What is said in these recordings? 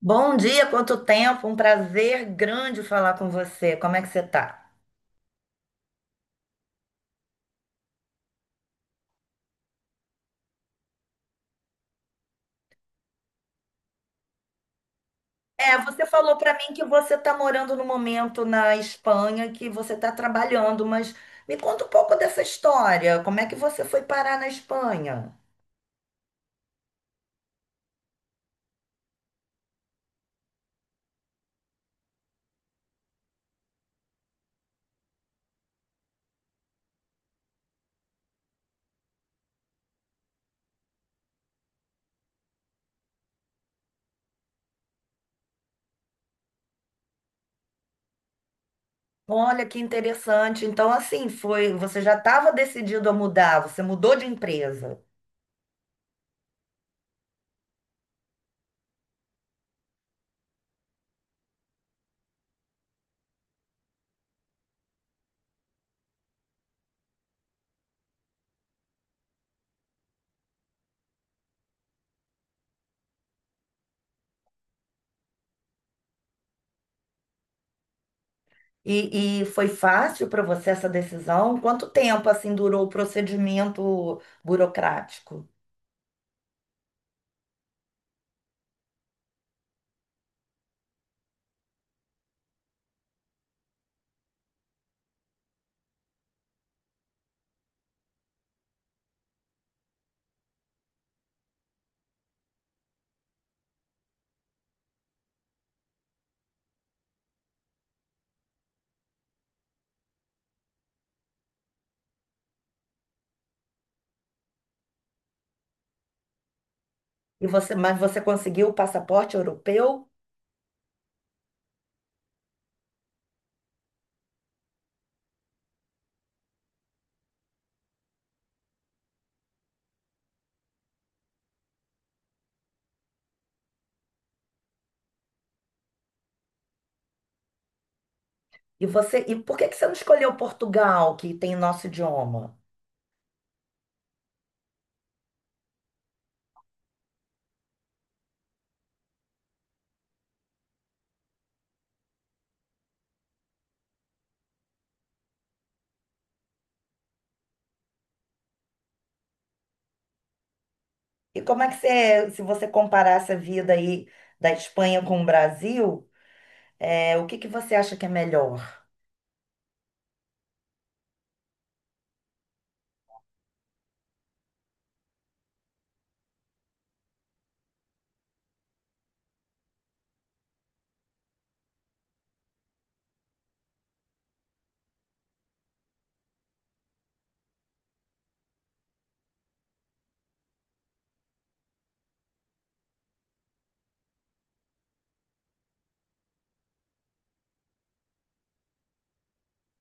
Bom dia, quanto tempo, um prazer grande falar com você. Como é que você tá? Você falou para mim que você está morando no momento na Espanha, que você está trabalhando, mas me conta um pouco dessa história. Como é que você foi parar na Espanha? Olha que interessante. Então, assim, foi, você já estava decidido a mudar, você mudou de empresa. E foi fácil para você essa decisão? Quanto tempo assim durou o procedimento burocrático? E você, mas você conseguiu o passaporte europeu? E você, e por que que você não escolheu Portugal, que tem nosso idioma? E como é que você, se você comparasse a vida aí da Espanha com o Brasil, o que que você acha que é melhor?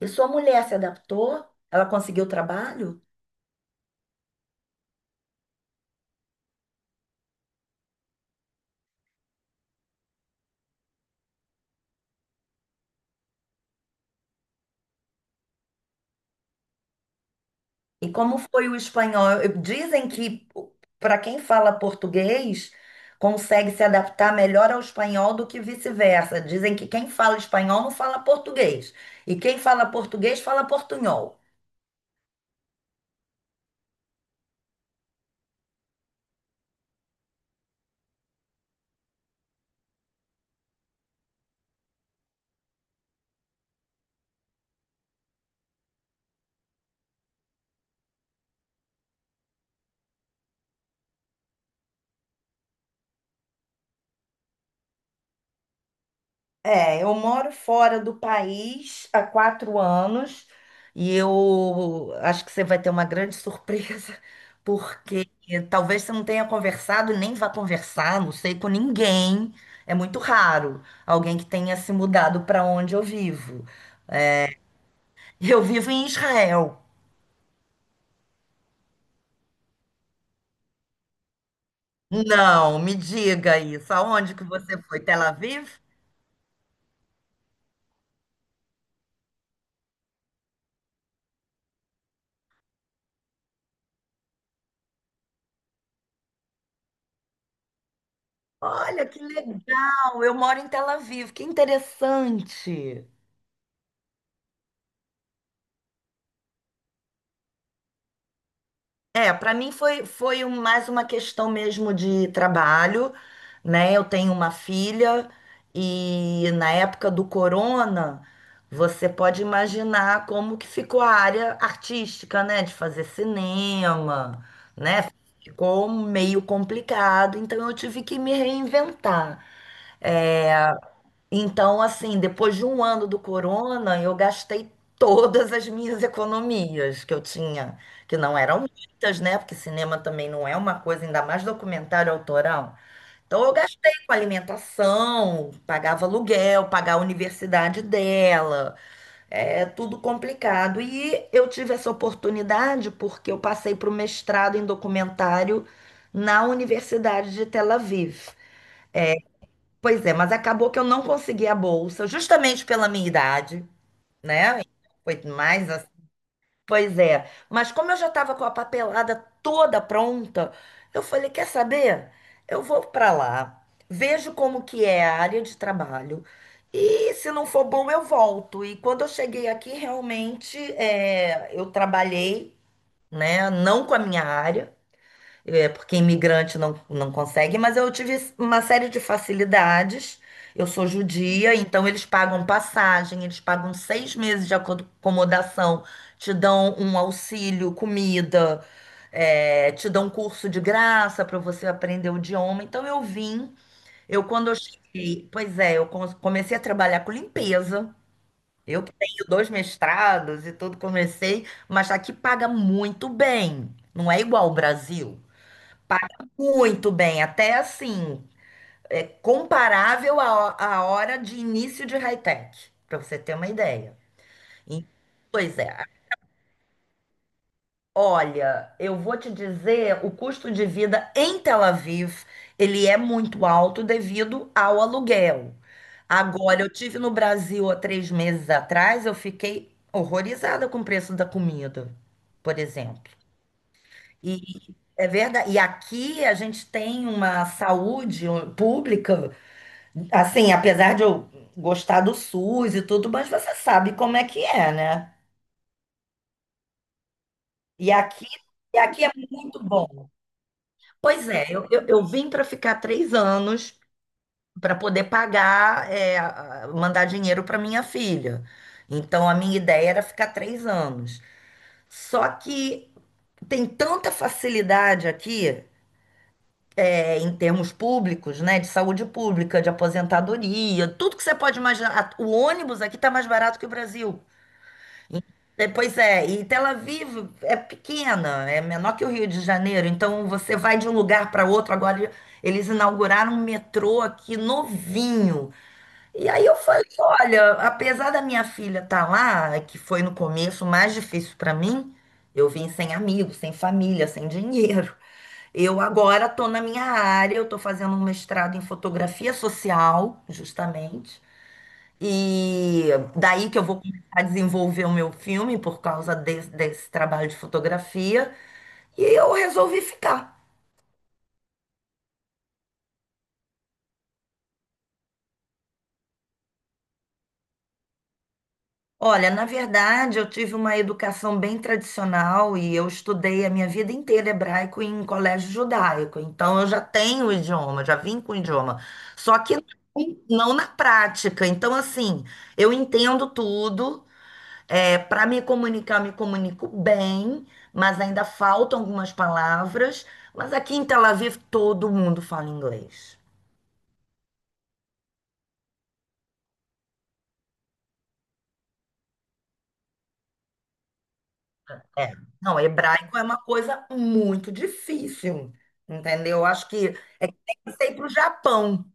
E sua mulher se adaptou? Ela conseguiu trabalho? E como foi o espanhol? Dizem que para quem fala português consegue se adaptar melhor ao espanhol do que vice-versa. Dizem que quem fala espanhol não fala português e quem fala português fala portunhol. Eu moro fora do país há quatro anos e eu acho que você vai ter uma grande surpresa, porque talvez você não tenha conversado e nem vá conversar, não sei, com ninguém. É muito raro alguém que tenha se mudado para onde eu vivo. Eu vivo em Israel. Não, me diga isso. Aonde que você foi? Tel Aviv? Olha que legal, eu moro em Tel Aviv, que interessante. Para mim foi, mais uma questão mesmo de trabalho, né? Eu tenho uma filha e na época do corona, você pode imaginar como que ficou a área artística, né? De fazer cinema, né? Ficou meio complicado, então eu tive que me reinventar. Então, assim, depois de um ano do corona, eu gastei todas as minhas economias que eu tinha, que não eram muitas, né? Porque cinema também não é uma coisa, ainda mais documentário autoral. Então, eu gastei com alimentação, pagava aluguel, pagava a universidade dela, tudo complicado. E eu tive essa oportunidade porque eu passei para o mestrado em documentário na Universidade de Tel Aviv. Pois é, mas acabou que eu não consegui a bolsa, justamente pela minha idade, né? Foi mais assim. Pois é, mas como eu já estava com a papelada toda pronta, eu falei, quer saber? Eu vou para lá, vejo como que é a área de trabalho e se não for bom eu volto. E quando eu cheguei aqui, realmente, eu trabalhei, né? Não com a minha área, porque imigrante não consegue, mas eu tive uma série de facilidades. Eu sou judia, então eles pagam passagem, eles pagam seis meses de acomodação, te dão um auxílio, comida, te dão um curso de graça para você aprender o idioma. Então eu vim, eu quando eu cheguei, pois é, comecei a trabalhar com limpeza. Eu que tenho dois mestrados e tudo, comecei, mas aqui paga muito bem. Não é igual ao Brasil. Paga muito bem, até assim, é comparável à, à hora de início de high-tech, para você ter uma ideia. E, pois é, olha, eu vou te dizer, o custo de vida em Tel Aviv, ele é muito alto devido ao aluguel. Agora, eu tive no Brasil há três meses atrás, eu fiquei horrorizada com o preço da comida, por exemplo. E é verdade. E aqui a gente tem uma saúde pública, assim, apesar de eu gostar do SUS e tudo, mas você sabe como é que é, né? E aqui, e aqui é muito bom. Pois é, eu vim para ficar três anos para poder pagar, mandar dinheiro para minha filha. Então a minha ideia era ficar três anos. Só que tem tanta facilidade aqui. É, em termos públicos, né, de saúde pública, de aposentadoria, tudo que você pode imaginar. O ônibus aqui está mais barato que o Brasil. E- Pois é, e Tel Aviv é pequena, é menor que o Rio de Janeiro, então você vai de um lugar para outro. Agora eles inauguraram um metrô aqui novinho. E aí eu falei: olha, apesar da minha filha estar lá, que foi no começo mais difícil para mim, eu vim sem amigos, sem família, sem dinheiro. Eu agora estou na minha área, eu estou fazendo um mestrado em fotografia social, justamente. E daí que eu vou começar a desenvolver o meu filme por causa desse trabalho de fotografia. E eu resolvi ficar. Olha, na verdade, eu tive uma educação bem tradicional e eu estudei a minha vida inteira hebraico em colégio judaico. Então, eu já tenho o idioma, já vim com o idioma. Só que não na prática. Então, assim, eu entendo tudo. Para me comunicar, me comunico bem, mas ainda faltam algumas palavras. Mas aqui em Tel Aviv todo mundo fala inglês. É. Não, hebraico é uma coisa muito difícil, entendeu? Acho que é que tem que ser para o Japão.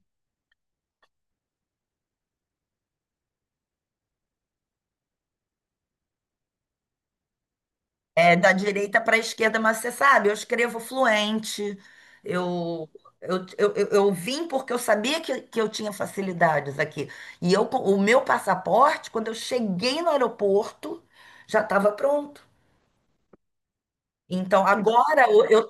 É, da direita para a esquerda, mas você sabe, eu escrevo fluente, eu, eu vim porque eu sabia que eu tinha facilidades aqui. E eu, o meu passaporte, quando eu cheguei no aeroporto, já estava pronto. Então, agora eu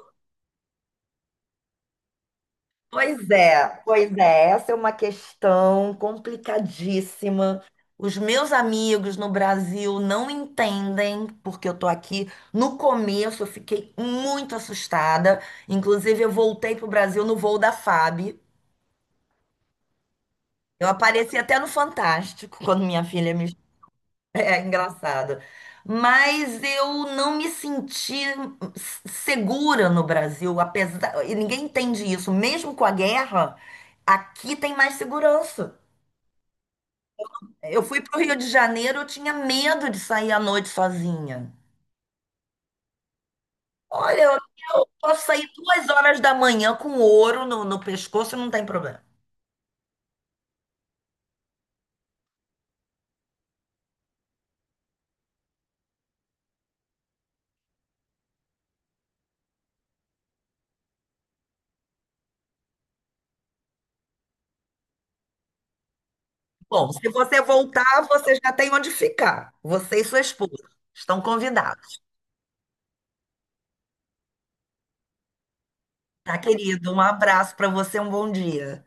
Pois é, essa é uma questão complicadíssima. Os meus amigos no Brasil não entendem porque eu tô aqui. No começo eu fiquei muito assustada. Inclusive, eu voltei pro Brasil no voo da FAB. Eu apareci até no Fantástico quando minha filha me é engraçado. Mas eu não me senti segura no Brasil, apesar. E ninguém entende isso. Mesmo com a guerra, aqui tem mais segurança. Eu fui para o Rio de Janeiro, eu tinha medo de sair à noite sozinha. Olha, eu posso sair duas horas da manhã com ouro no pescoço, não tem problema. Bom, se você voltar, você já tem onde ficar. Você e sua esposa estão convidados. Tá, querido? Um abraço para você, um bom dia.